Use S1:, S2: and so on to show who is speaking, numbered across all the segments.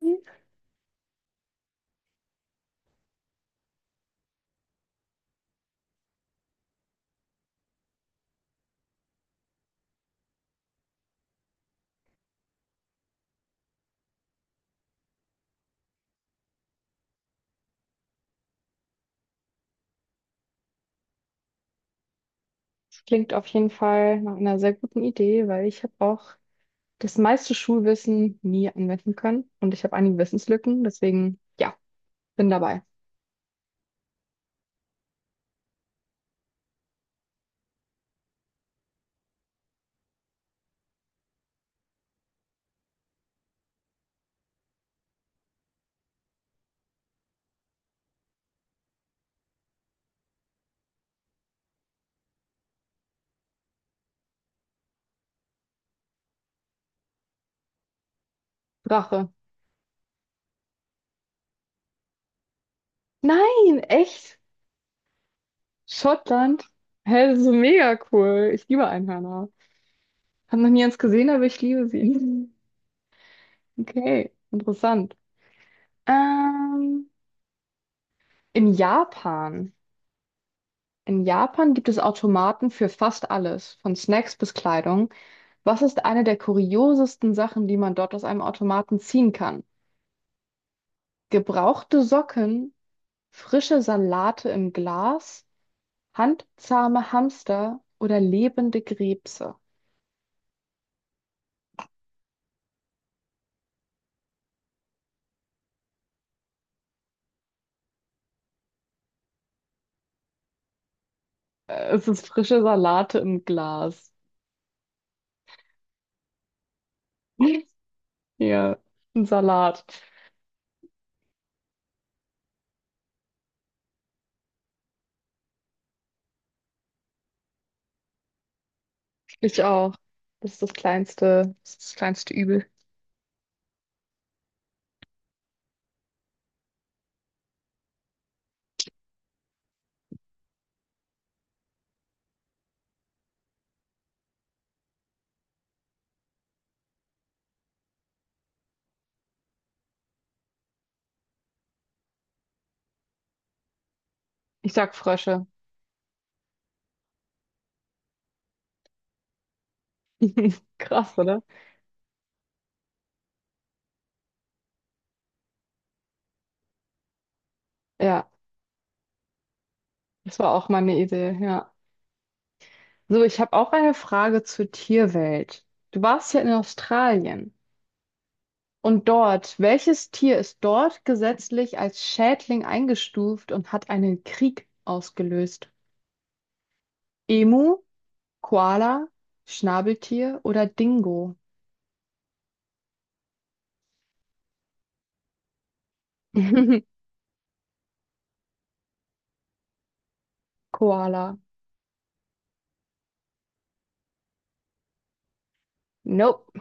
S1: Das klingt auf jeden Fall nach einer sehr guten Idee, weil ich habe auch das meiste Schulwissen nie anwenden können und ich habe einige Wissenslücken, deswegen ja, bin dabei. Drache. Nein, echt? Schottland? Hä, das ist so mega cool. Ich liebe Einhörner. Hab noch nie eins gesehen, aber ich liebe sie. Okay, interessant. Ähm, in Japan. In Japan gibt es Automaten für fast alles, von Snacks bis Kleidung. Was ist eine der kuriosesten Sachen, die man dort aus einem Automaten ziehen kann? Gebrauchte Socken, frische Salate im Glas, handzahme Hamster oder lebende Krebse? Es ist frische Salate im Glas. Ja, ein Salat. Ich auch. Das ist das kleinste Übel. Ich sag Frösche. Krass, oder? Ja, das war auch meine Idee, ja. So, ich habe auch eine Frage zur Tierwelt. Du warst ja in Australien. Und dort, welches Tier ist dort gesetzlich als Schädling eingestuft und hat einen Krieg ausgelöst? Emu, Koala, Schnabeltier oder Dingo? Koala. Nope.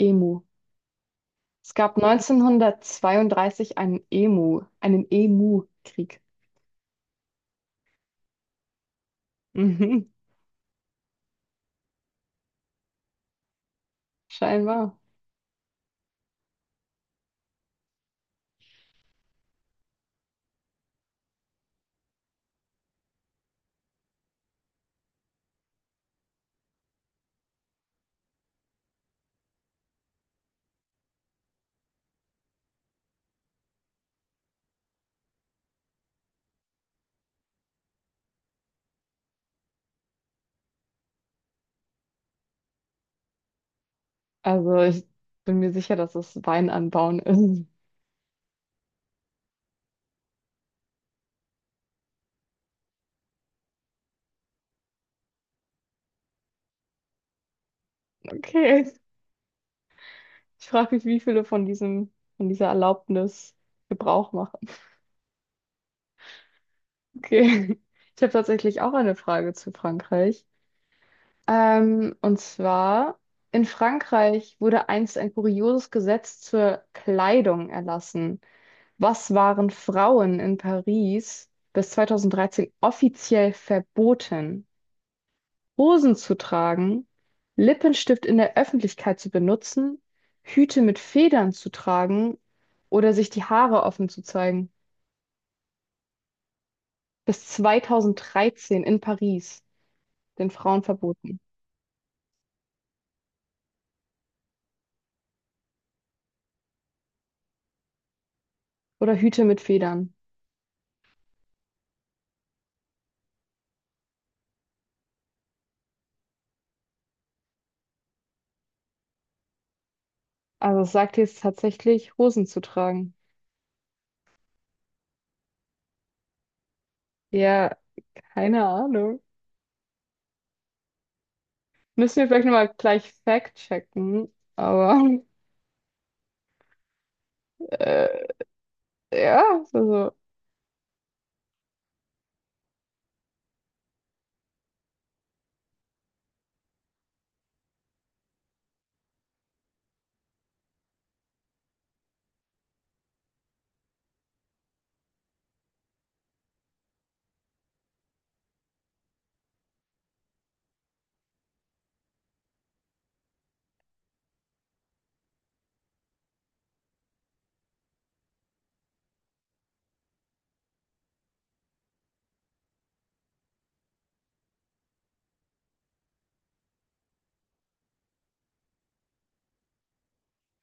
S1: Emu. Es gab 1932 einen Emu, einen Emu-Krieg. Mhm. Scheinbar. Also ich bin mir sicher, dass es Wein anbauen ist. Okay. Ich frage mich, wie viele von diesem, von dieser Erlaubnis Gebrauch machen. Okay. Ich habe tatsächlich auch eine Frage zu Frankreich. Und zwar, in Frankreich wurde einst ein kurioses Gesetz zur Kleidung erlassen. Was waren Frauen in Paris bis 2013 offiziell verboten? Hosen zu tragen, Lippenstift in der Öffentlichkeit zu benutzen, Hüte mit Federn zu tragen oder sich die Haare offen zu zeigen. Bis 2013 in Paris, den Frauen verboten. Oder Hüte mit Federn. Also es sagt jetzt tatsächlich, Hosen zu tragen. Ja, keine Ahnung. Müssen wir vielleicht nochmal gleich fact-checken. Aber äh, ja, also.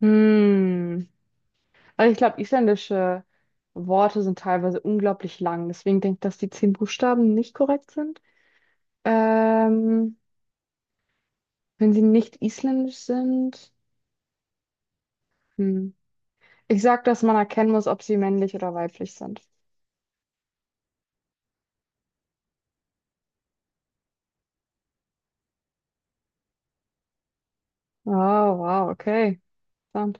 S1: Hm. Also ich glaube, isländische Worte sind teilweise unglaublich lang. Deswegen denke ich, dass die zehn Buchstaben nicht korrekt sind. Ähm, Wenn sie nicht isländisch sind. Hm. Ich sag, dass man erkennen muss, ob sie männlich oder weiblich sind. Oh, wow, okay. Interessant.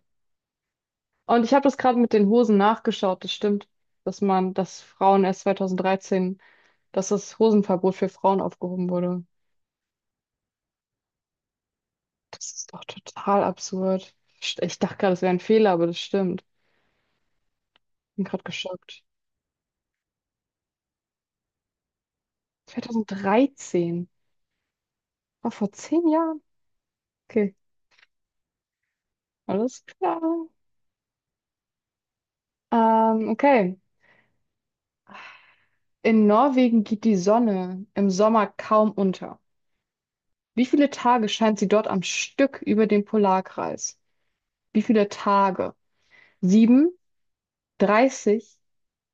S1: Und ich habe das gerade mit den Hosen nachgeschaut. Das stimmt, dass man, dass Frauen erst 2013, dass das Hosenverbot für Frauen aufgehoben wurde. Das ist doch total absurd. Ich dachte gerade, es wäre ein Fehler, aber das stimmt. Bin gerade geschockt. 2013, war vor 10 Jahren. Okay, alles klar. Okay. In Norwegen geht die Sonne im Sommer kaum unter. Wie viele Tage scheint sie dort am Stück über dem Polarkreis? Wie viele Tage? Sieben, 30?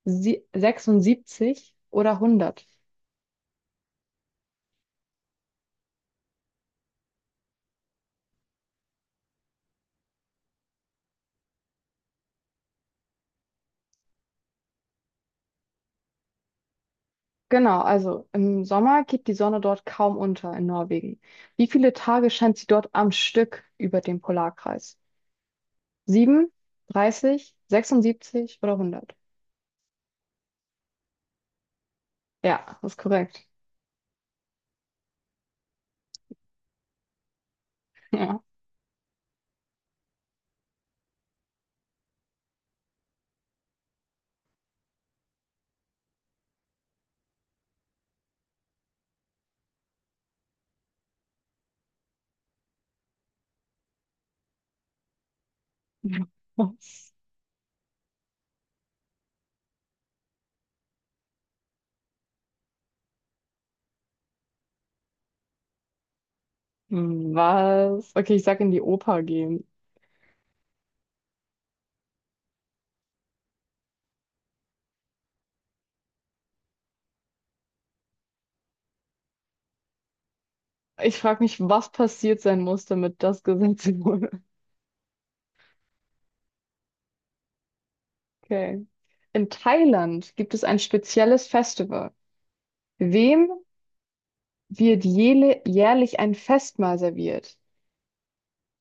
S1: Sie 76 oder 100. Genau, also im Sommer geht die Sonne dort kaum unter in Norwegen. Wie viele Tage scheint sie dort am Stück über dem Polarkreis? 7, 30, 76 oder 100? Ja, das ist korrekt. Ja. Was? Was? Okay, ich sag in die Oper gehen. Ich frage mich, was passiert sein muss, damit das gesetzt wurde. Okay. In Thailand gibt es ein spezielles Festival. Wem wird jährlich ein Festmahl serviert?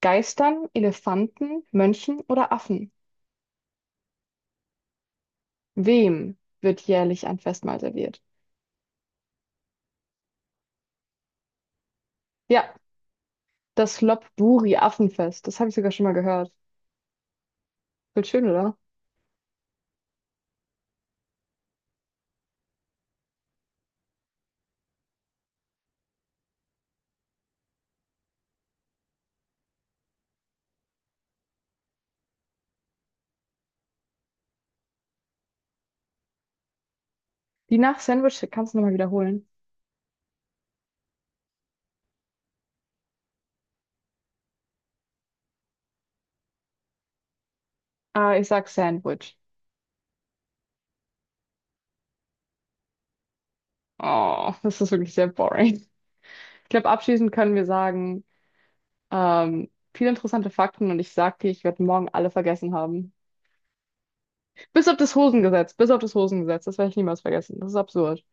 S1: Geistern, Elefanten, Mönchen oder Affen? Wem wird jährlich ein Festmahl serviert? Ja, das Lopburi-Affenfest. Das habe ich sogar schon mal gehört. Voll schön, oder? Die nach Sandwich kannst du nochmal wiederholen. Ah, ich sag Sandwich. Oh, das ist wirklich sehr boring. Ich glaube, abschließend können wir sagen, viele interessante Fakten und ich sag dir, ich werde morgen alle vergessen haben. Bis auf das Hosengesetz, bis auf das Hosengesetz, das werde ich niemals vergessen. Das ist absurd.